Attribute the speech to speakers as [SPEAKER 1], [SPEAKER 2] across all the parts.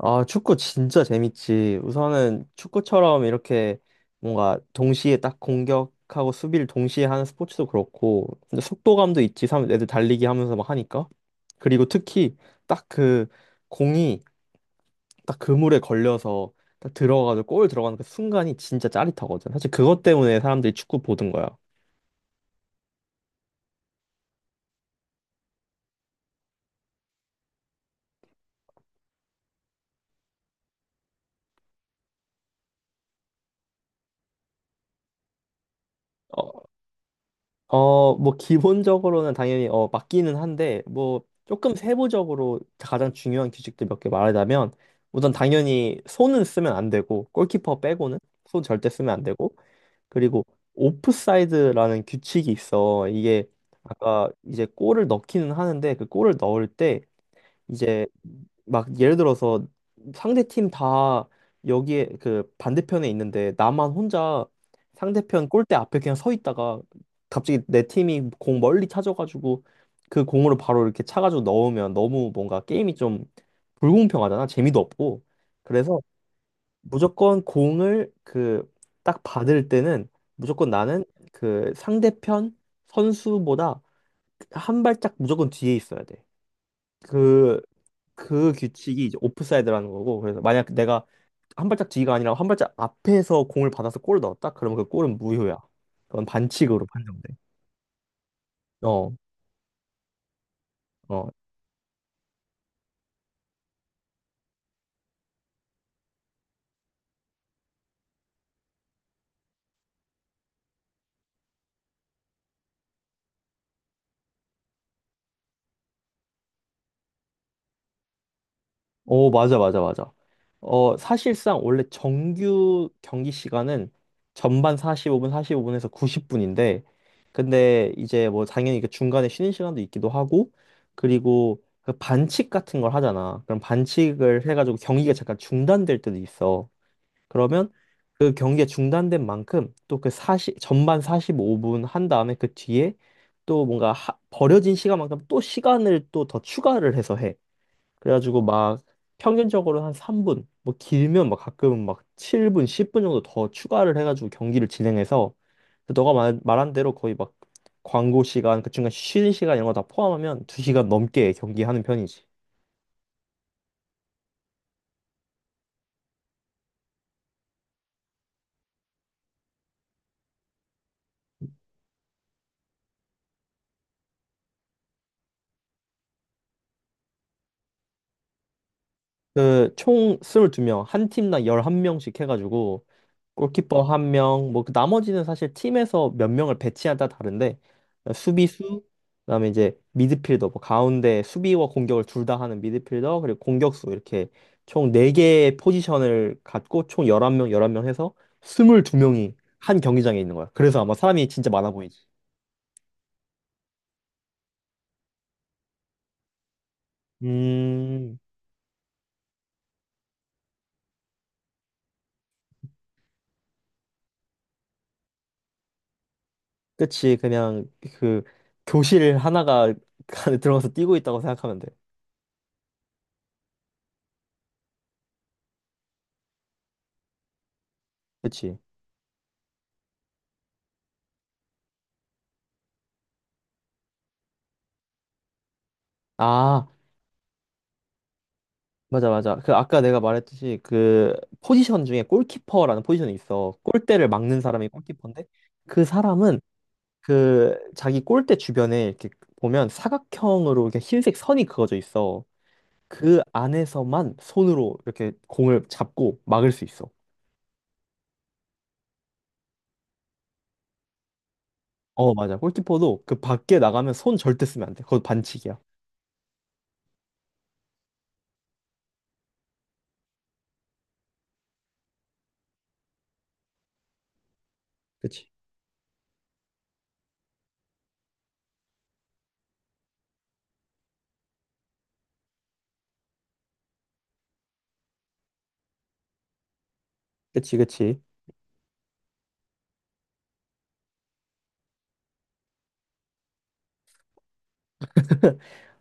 [SPEAKER 1] 아, 축구 진짜 재밌지. 우선은 축구처럼 이렇게 뭔가 동시에 딱 공격하고 수비를 동시에 하는 스포츠도 그렇고, 근데 속도감도 있지. 애들 달리기 하면서 막 하니까. 그리고 특히 딱 그 공이 딱 그물에 걸려서 딱 들어가서 골 들어가는 그 순간이 진짜 짜릿하거든. 사실 그것 때문에 사람들이 축구 보던 거야. 뭐, 기본적으로는 당연히, 맞기는 한데, 뭐, 조금 세부적으로 가장 중요한 규칙들 몇 개 말하자면, 우선 당연히 손은 쓰면 안 되고, 골키퍼 빼고는 손 절대 쓰면 안 되고, 그리고 오프사이드라는 규칙이 있어. 이게, 아까 이제 골을 넣기는 하는데, 그 골을 넣을 때, 이제 막 예를 들어서 상대 팀 다 여기에 그 반대편에 있는데 나만 혼자 상대편 골대 앞에 그냥 서 있다가 갑자기 내 팀이 공 멀리 찾아가지고 그 공으로 바로 이렇게 차가지고 넣으면 너무 뭔가 게임이 좀 불공평하잖아. 재미도 없고. 그래서 무조건 공을 그 딱 받을 때는 무조건 나는 그 상대편 선수보다 한 발짝 무조건 뒤에 있어야 돼. 그, 그 규칙이 이제 오프사이드라는 거고, 그래서 만약 내가 한 발짝 뒤가 아니라 한 발짝 앞에서 공을 받아서 골을 넣었다? 그러면 그 골은 무효야. 그건 반칙으로 판정돼. 어, 어. 오, 맞아, 맞아, 맞아. 사실상 원래 정규 경기 시간은 전반 45분, 45분에서 90분인데, 근데 이제 뭐 당연히 그 중간에 쉬는 시간도 있기도 하고, 그리고 그 반칙 같은 걸 하잖아. 그럼 반칙을 해가지고 경기가 잠깐 중단될 때도 있어. 그러면 그 경기가 중단된 만큼 또 그 사십 전반 45분 한 다음에 그 뒤에 또 뭔가 버려진 시간만큼 또 시간을 또 더 추가를 해서 해. 그래가지고 막 평균적으로 한 3분, 뭐 길면 막 가끔은 막 7분, 10분 정도 더 추가를 해가지고 경기를 진행해서 그 너가 말한 대로 거의 막 광고 시간, 그 중간 쉬는 시간 이런 거 다 포함하면 2시간 넘게 경기하는 편이지. 그 총 22명, 한 팀당 11명씩 해가지고 골키퍼 한 명, 뭐그 나머지는 사실 팀에서 몇 명을 배치하다 따라 다른데 수비수, 그다음에 이제 미드필더, 뭐 가운데 수비와 공격을 둘 다 하는 미드필더, 그리고 공격수 이렇게 총 네개의 포지션을 갖고 총 11명 해서 22명이 한 경기장에 있는 거야. 그래서 아마 사람이 진짜 많아 보이지. 음, 그치. 그냥 그 교실 하나가 안에 들어가서 뛰고 있다고 생각하면 돼. 그치. 아, 맞아, 맞아. 그 아까 내가 말했듯이 그 포지션 중에 골키퍼라는 포지션이 있어. 골대를 막는 사람이 골키퍼인데 그 사람은 그 자기 골대 주변에 이렇게 보면 사각형으로 이렇게 흰색 선이 그어져 있어. 그 안에서만 손으로 이렇게 공을 잡고 막을 수 있어. 어, 맞아. 골키퍼도 그 밖에 나가면 손 절대 쓰면 안 돼. 그거 반칙이야. 그치. 그치, 그치.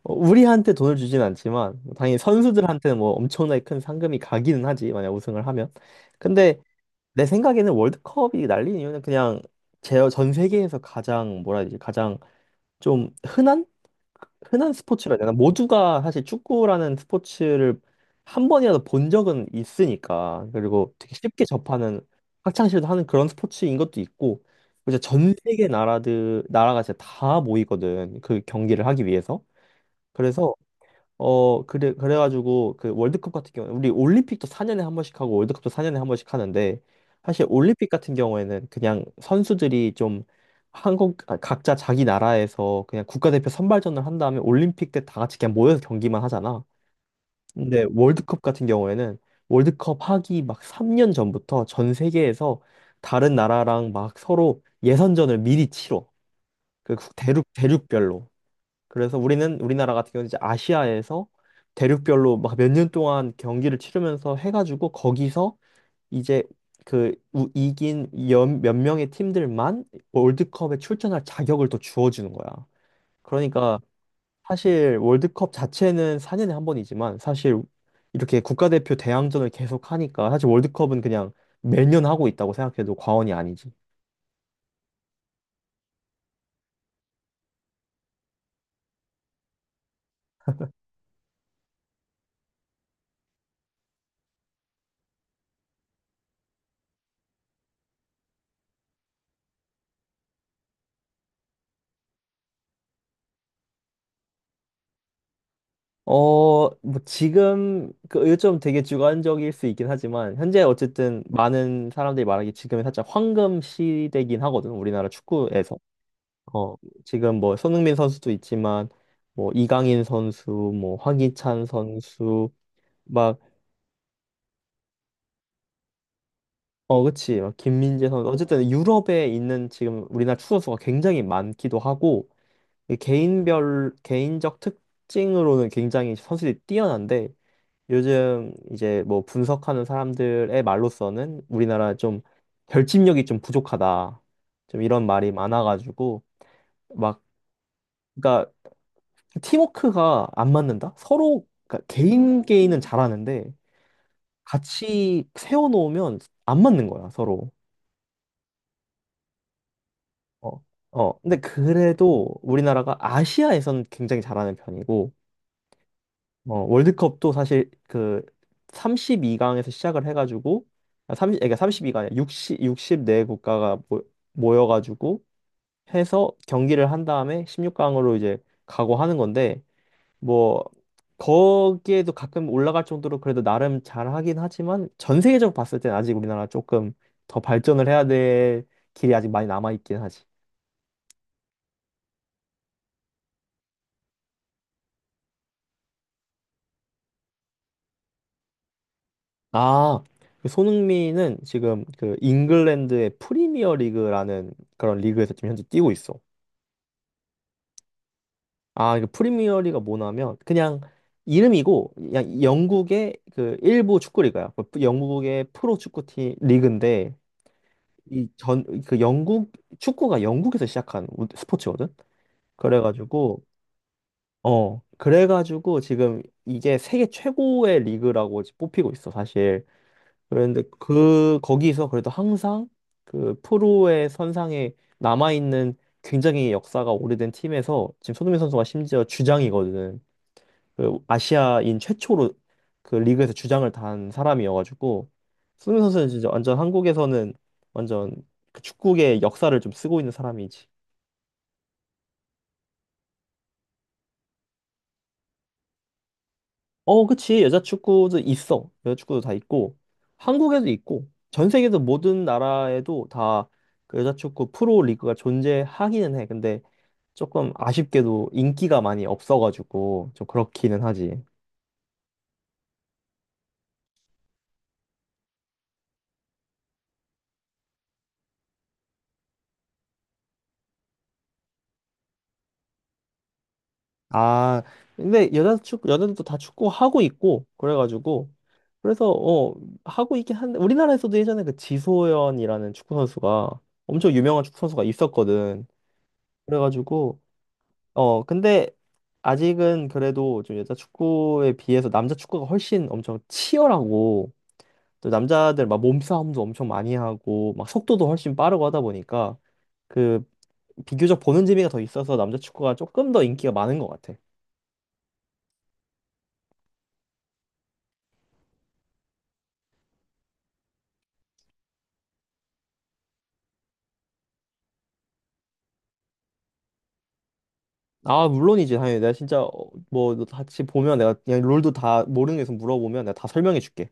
[SPEAKER 1] 우리한테 돈을 주진 않지만 뭐 당연히 선수들한테는 뭐 엄청나게 큰 상금이 가기는 하지 만약 우승을 하면. 근데 내 생각에는 월드컵이 날린 이유는 그냥 제 전 세계에서 가장 뭐라 해야 되지, 가장 좀 흔한 스포츠라 해야 되나. 모두가 사실 축구라는 스포츠를 한 번이라도 본 적은 있으니까. 그리고 되게 쉽게 접하는, 학창시절도 하는 그런 스포츠인 것도 있고, 이제 전 세계 나라들, 나라가 진짜 다 모이거든. 그 경기를 하기 위해서. 그래서 그래, 그래가지고, 그 월드컵 같은 경우에, 우리 올림픽도 4년에 한 번씩 하고 월드컵도 4년에 한 번씩 하는데, 사실 올림픽 같은 경우에는 그냥 선수들이 좀 아, 각자 자기 나라에서 그냥 국가대표 선발전을 한 다음에 올림픽 때 다 같이 그냥 모여서 경기만 하잖아. 근데 월드컵 같은 경우에는 월드컵 하기 막 3년 전부터 전 세계에서 다른 나라랑 막 서로 예선전을 미리 치러. 그 대륙, 대륙별로. 그래서 우리는 우리나라 같은 경우는 이제 아시아에서 대륙별로 막 몇 년 동안 경기를 치르면서 해가지고 거기서 이제 그 몇 명의 팀들만 월드컵에 출전할 자격을 또 주어주는 거야. 그러니까 사실 월드컵 자체는 4년에 한 번이지만 사실 이렇게 국가대표 대항전을 계속 하니까 사실 월드컵은 그냥 매년 하고 있다고 생각해도 과언이 아니지. 뭐 지금 그 요즘 되게 주관적일 수 있긴 하지만 현재 어쨌든 많은 사람들이 말하기 지금이 살짝 황금 시대긴 하거든. 우리나라 축구에서. 어, 지금 뭐 손흥민 선수도 있지만 뭐 이강인 선수, 뭐 황희찬 선수 막. 그치. 막 김민재 선수. 어쨌든 유럽에 있는 지금 우리나라 축구 선수가 굉장히 많기도 하고, 이 개인별 개인적 특징으로는 굉장히 선수들이 뛰어난데, 요즘 이제 뭐 분석하는 사람들의 말로서는 우리나라 좀 결집력이 좀 부족하다. 좀 이런 말이 많아가지고 막, 그러니까 팀워크가 안 맞는다. 서로. 그러니까 개인 개인은 잘하는데 같이 세워놓으면 안 맞는 거야, 서로. 어, 어. 근데 그래도 우리나라가 아시아에서는 굉장히 잘하는 편이고, 월드컵도 사실 그 삼십이 강에서 시작을 해가지고 아, 30, 그러니까 이2가 아니라 6육십4 국가가 모여가지고 해서 경기를 한 다음에 16강으로 이제 가고 하는 건데, 뭐 거기에도 가끔 올라갈 정도로 그래도 나름 잘하긴 하지만 전 세계적으로 봤을 땐 아직 우리나라 조금 더 발전을 해야 될 길이 아직 많이 남아있긴 하지. 아, 그 손흥민은 지금 그 잉글랜드의 프리미어 리그라는 그런 리그에서 지금 현재 뛰고 있어. 아, 이 프리미어 리그가 뭐냐면 그냥 이름이고 그냥 영국의 그 일부 축구 리그야. 그 영국의 프로 축구팀 리그인데 이 전 그 영국 축구가 영국에서 시작한 스포츠거든. 그래가지고 그래가지고 지금 이게 세계 최고의 리그라고 뽑히고 있어, 사실. 그런데 그 거기서 그래도 항상 그 프로의 선상에 남아 있는 굉장히 역사가 오래된 팀에서 지금 손흥민 선수가 심지어 주장이거든. 그 아시아인 최초로 그 리그에서 주장을 단 사람이어가지고 손흥민 선수는 진짜 완전 한국에서는 완전 그 축구의 역사를 좀 쓰고 있는 사람이지. 어, 그치. 여자 축구도 있어. 여자 축구도 다 있고, 한국에도 있고, 전 세계에서 모든 나라에도 다그 여자 축구 프로 리그가 존재하기는 해. 근데 조금 아쉽게도 인기가 많이 없어가지고, 좀 그렇기는 하지. 아, 근데 여자 축구, 여자들도 다 축구하고 있고, 그래가지고, 그래서, 하고 있긴 한데, 우리나라에서도 예전에 그 지소연이라는 축구 선수가, 엄청 유명한 축구 선수가 있었거든. 그래가지고, 근데 아직은 그래도 좀 여자 축구에 비해서 남자 축구가 훨씬 엄청 치열하고, 또 남자들 막 몸싸움도 엄청 많이 하고 막 속도도 훨씬 빠르고 하다 보니까 그 비교적 보는 재미가 더 있어서 남자 축구가 조금 더 인기가 많은 것 같아. 아, 물론이지. 당연히 내가 진짜 뭐너 같이 보면 내가 그냥 롤도 다 모르는 게 있으면 물어보면 내가 다 설명해 줄게.